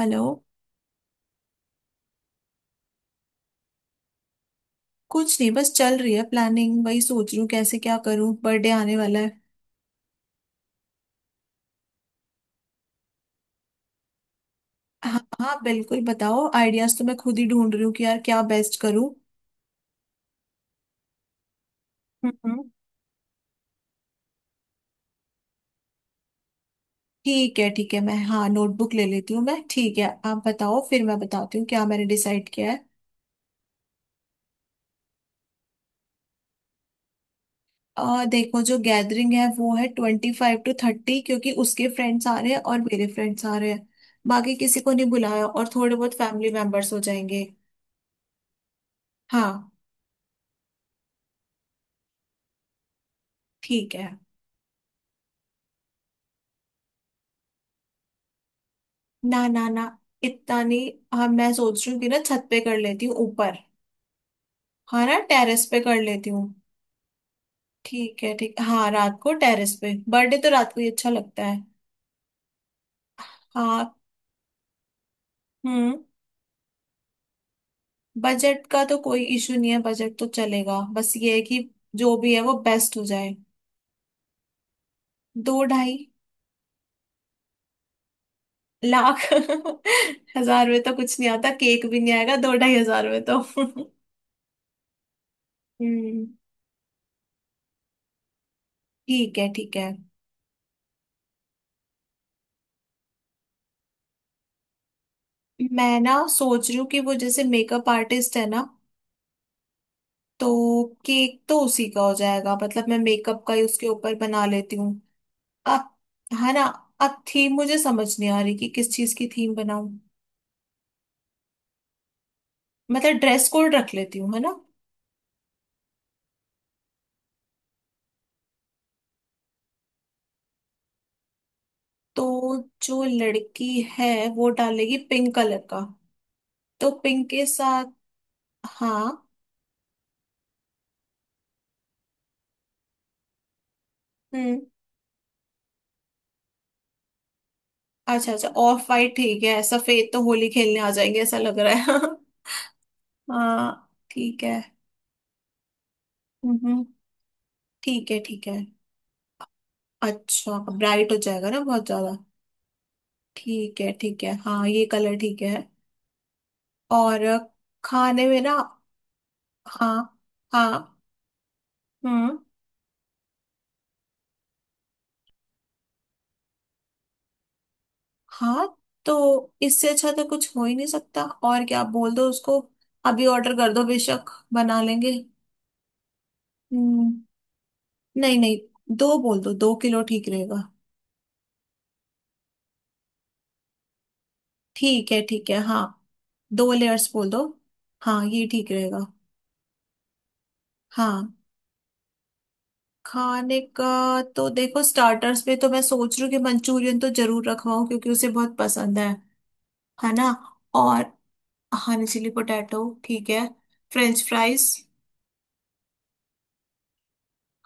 Hello. कुछ नहीं, बस चल रही है प्लानिंग। वही सोच रही हूँ कैसे क्या करूँ, बर्थडे आने वाला है। हाँ हाँ, बिल्कुल बताओ, आइडियाज तो मैं खुद ही ढूंढ रही हूँ कि यार क्या बेस्ट करूँ। हम्म। ठीक है ठीक है, मैं, हाँ, नोटबुक ले लेती हूँ मैं। ठीक है, आप बताओ, फिर मैं बताती हूँ क्या मैंने डिसाइड किया है। देखो, जो गैदरिंग है वो है 25 to 30, क्योंकि उसके फ्रेंड्स आ रहे हैं और मेरे फ्रेंड्स आ रहे हैं। बाकी किसी को नहीं बुलाया, और थोड़े बहुत फैमिली मेंबर्स हो जाएंगे। हाँ। ठीक है। ना ना ना, इतना नहीं। हाँ, मैं सोच रही हूँ कि ना छत पे कर लेती हूँ ऊपर। हाँ ना, टेरेस पे कर लेती हूँ। ठीक है ठीक, हाँ, रात को टेरेस पे, बर्थडे तो रात को ही अच्छा लगता है। हाँ। हम्म। बजट का तो कोई इशू नहीं है, बजट तो चलेगा, बस ये है कि जो भी है वो बेस्ट हो जाए। दो ढाई। लाख। हजार में तो कुछ नहीं आता, केक भी नहीं आएगा दो ढाई हजार में तो। हम्म। ठीक है ठीक है। मैं ना सोच रही हूँ कि वो जैसे मेकअप आर्टिस्ट है ना, तो केक तो उसी का हो जाएगा, मतलब मैं मेकअप का ही उसके ऊपर बना लेती हूँ। अब, है ना, अब थीम मुझे समझ नहीं आ रही कि किस चीज की थीम बनाऊं। मतलब ड्रेस कोड रख लेती हूँ, है ना। तो जो लड़की है वो डालेगी पिंक कलर का, तो पिंक के साथ। हाँ। हम्म। अच्छा अच्छा, ऑफ वाइट ठीक है, सफेद तो होली खेलने आ जाएंगे ऐसा लग रहा है। हाँ। ठीक है। हम्म हम्म, ठीक है ठीक है। अच्छा, ब्राइट हो जाएगा ना बहुत ज्यादा। ठीक है ठीक है, हाँ ये कलर ठीक है। और खाने में ना। हाँ। हाँ। हम्म। हाँ। तो इससे अच्छा तो कुछ हो ही नहीं सकता, और क्या, आप बोल दो उसको। अभी ऑर्डर कर दो बेशक। बना लेंगे। हम्म। नहीं नहीं, दो बोल दो, 2 किलो ठीक रहेगा। ठीक है ठीक है, हाँ, 2 लेयर्स बोल दो। हाँ ये ठीक रहेगा। हाँ। खाने का, तो देखो स्टार्टर्स पे तो मैं सोच रही हूँ कि मंचूरियन तो जरूर रखवाऊँ क्योंकि उसे बहुत पसंद है ना। और, हाँ, चिली पोटैटो ठीक है। French fries.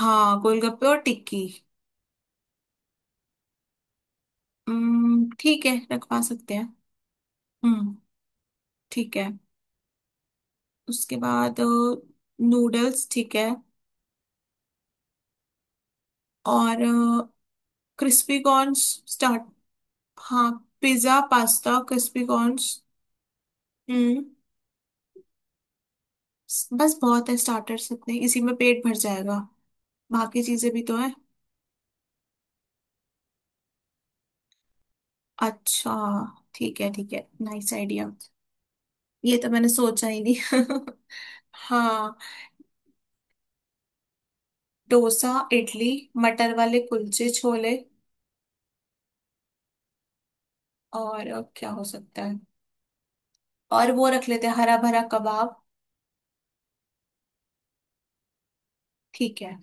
हाँ, गोलगप्पे और टिक्की। हम्म, ठीक है, रखवा सकते हैं। हम्म। ठीक है। उसके बाद नूडल्स ठीक है। और क्रिस्पी कॉर्न्स। स्टार्ट। हाँ, पिज्ज़ा, पास्ता, क्रिस्पी कॉर्न्स। हम्म। बस, बहुत है स्टार्टर्स इतने, इसी में पेट भर जाएगा, बाकी चीजें भी तो है। अच्छा, ठीक है ठीक है, नाइस आइडिया, ये तो मैंने सोचा ही नहीं। हाँ। डोसा, इडली, मटर वाले कुलचे छोले। और क्या हो सकता है? और वो रख लेते हैं हरा भरा कबाब। ठीक है।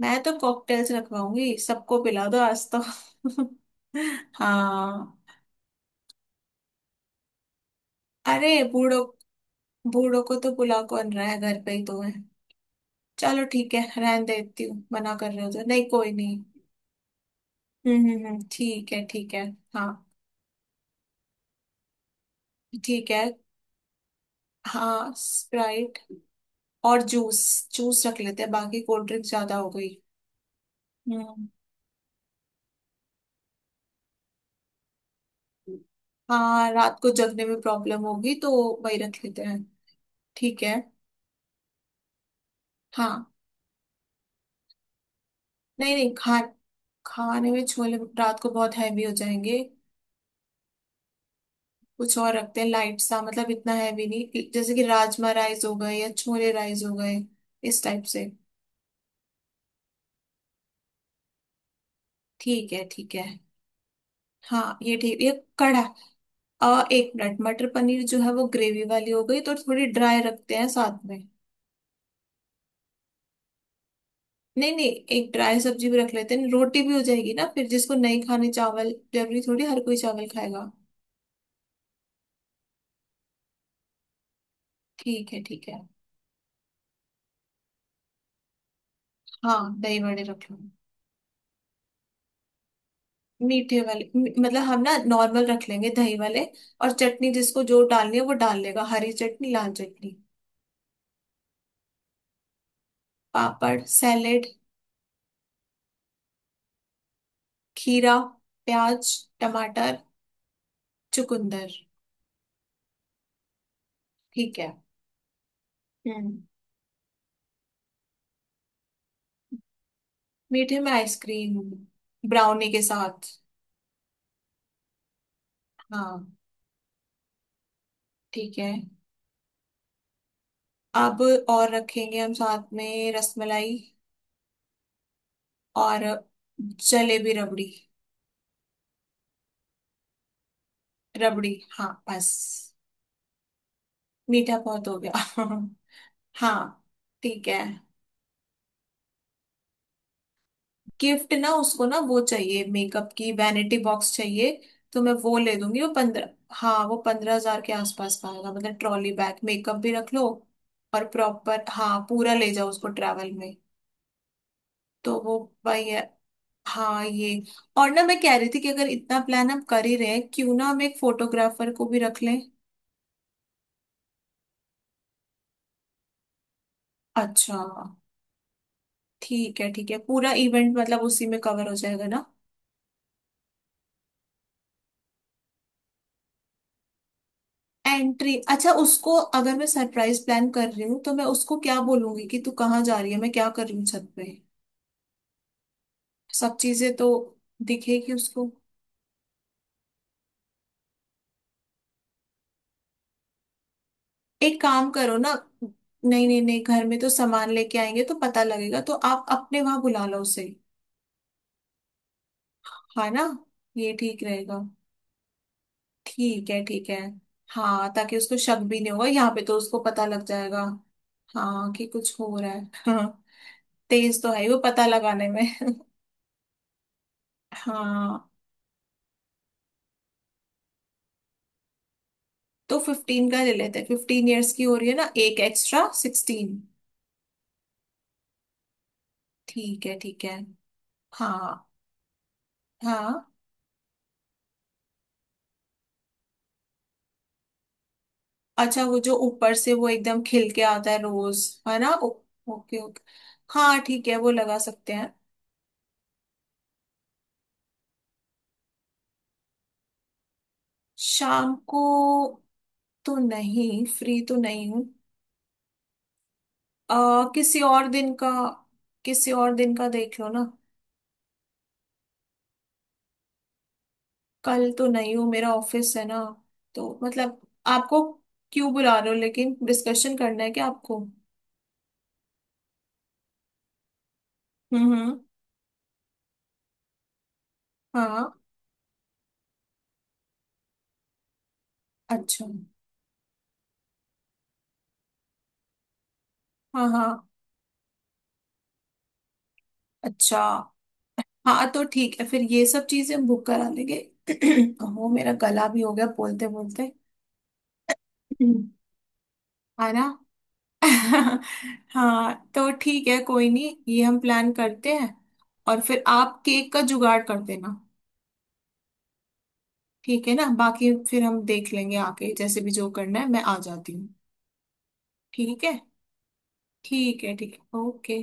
मैं तो कॉकटेल्स रखवाऊंगी, सबको पिला दो आज तो। हाँ। अरे बूढ़ों। बूढ़ों को तो बुला कौन रहा है, घर पे ही तो है। चलो ठीक है, रहने देती हूँ, मना कर रहे हो तो नहीं, कोई नहीं। ठीक है ठीक है। हाँ। ठीक है। हाँ, स्प्राइट। और जूस। जूस रख लेते हैं, बाकी कोल्ड ड्रिंक ज्यादा हो गई। हम्म। हाँ, रात को जगने में प्रॉब्लम होगी तो वही रख लेते हैं। ठीक है। हाँ। नहीं नहीं, खा, खाने में छोले रात को बहुत हैवी हो जाएंगे। कुछ और रखते हैं लाइट सा, मतलब इतना हैवी नहीं, जैसे कि राजमा राइस हो गए या छोले राइस हो गए, इस टाइप से। ठीक है ठीक है, हाँ ये ठीक, ये कड़ा, एक मिनट, मटर पनीर जो है वो ग्रेवी वाली हो गई, तो थोड़ी ड्राई रखते हैं साथ में। नहीं नहीं, एक ड्राई सब्जी भी रख लेते हैं, रोटी भी हो जाएगी ना फिर, जिसको नहीं खाने चावल, जरूरी थोड़ी हर कोई चावल खाएगा। ठीक है ठीक है। हाँ, दही बड़े रख लो। मीठे वाले, मतलब हम ना नॉर्मल रख लेंगे, दही वाले, और चटनी जिसको जो डालनी है वो डाल लेगा, हरी चटनी, लाल चटनी। पापड़, सैलेड, खीरा, प्याज, टमाटर, चुकंदर। ठीक है। हम्म। मीठे में आइसक्रीम, ब्राउनी के साथ। हाँ। ठीक है। अब और रखेंगे हम साथ में रसमलाई। और जलेबी, रबड़ी, रबड़ी। हाँ बस, मीठा बहुत हो गया। हाँ। ठीक है। गिफ्ट ना, उसको ना, वो चाहिए, मेकअप की वैनिटी बॉक्स चाहिए, तो मैं वो ले दूंगी। वो पंद्रह, हाँ, वो 15 हजार के आसपास का आएगा, मतलब ट्रॉली बैग, मेकअप भी रख लो, और प्रॉपर, हाँ, पूरा ले जाओ उसको ट्रैवल में। तो वो, भाई है। हाँ ये। और ना मैं कह रही थी कि अगर इतना प्लान हम कर ही रहे हैं, क्यों ना हम एक फोटोग्राफर को भी रख लें। अच्छा। ठीक है ठीक है, पूरा इवेंट मतलब उसी में कवर हो जाएगा ना। एंट्री, अच्छा, उसको अगर मैं सरप्राइज प्लान कर रही हूँ तो मैं उसको क्या बोलूंगी कि तू कहाँ जा रही है, मैं क्या कर रही हूँ छत पे, सब चीजें तो दिखेगी उसको। एक काम करो ना। नहीं नहीं नहीं, घर में तो सामान लेके आएंगे तो पता लगेगा, तो आप अपने वहां बुला लो उसे। है ना, ये ठीक रहेगा। ठीक है ठीक है। हाँ, ताकि उसको शक भी नहीं होगा, यहाँ पे तो उसको पता लग जाएगा। हाँ, कि कुछ हो रहा है। हाँ। तेज तो है ही वो पता लगाने में। हाँ। तो 15 का ले लेते हैं, 15 years की हो रही है ना, एक एक्स्ट्रा, 16। ठीक है ठीक है। हाँ। हाँ। अच्छा, वो जो ऊपर से वो एकदम खिल के आता है रोज, है ना। ओके ओके, हाँ ठीक है, वो लगा सकते हैं। शाम को तो नहीं, फ्री तो नहीं हूँ। आ किसी और दिन का, किसी और दिन का देख लो ना। कल तो नहीं हूँ, मेरा ऑफिस है ना, तो मतलब। आपको, क्यों बुला रहे हो, लेकिन डिस्कशन करना है क्या आपको? हम्म हम्म, हाँ। अच्छा। हाँ। हाँ, अच्छा, हाँ तो ठीक है, फिर ये सब चीजें हम बुक करा लेंगे। हो, मेरा गला भी हो गया बोलते बोलते। है ना। हाँ, तो ठीक है, कोई नहीं, ये हम प्लान करते हैं, और फिर आप केक का जुगाड़ कर देना। ठीक है ना, बाकी फिर हम देख लेंगे आके, जैसे भी जो करना है, मैं आ जाती हूँ। ठीक है ठीक है ठीक है। ओके।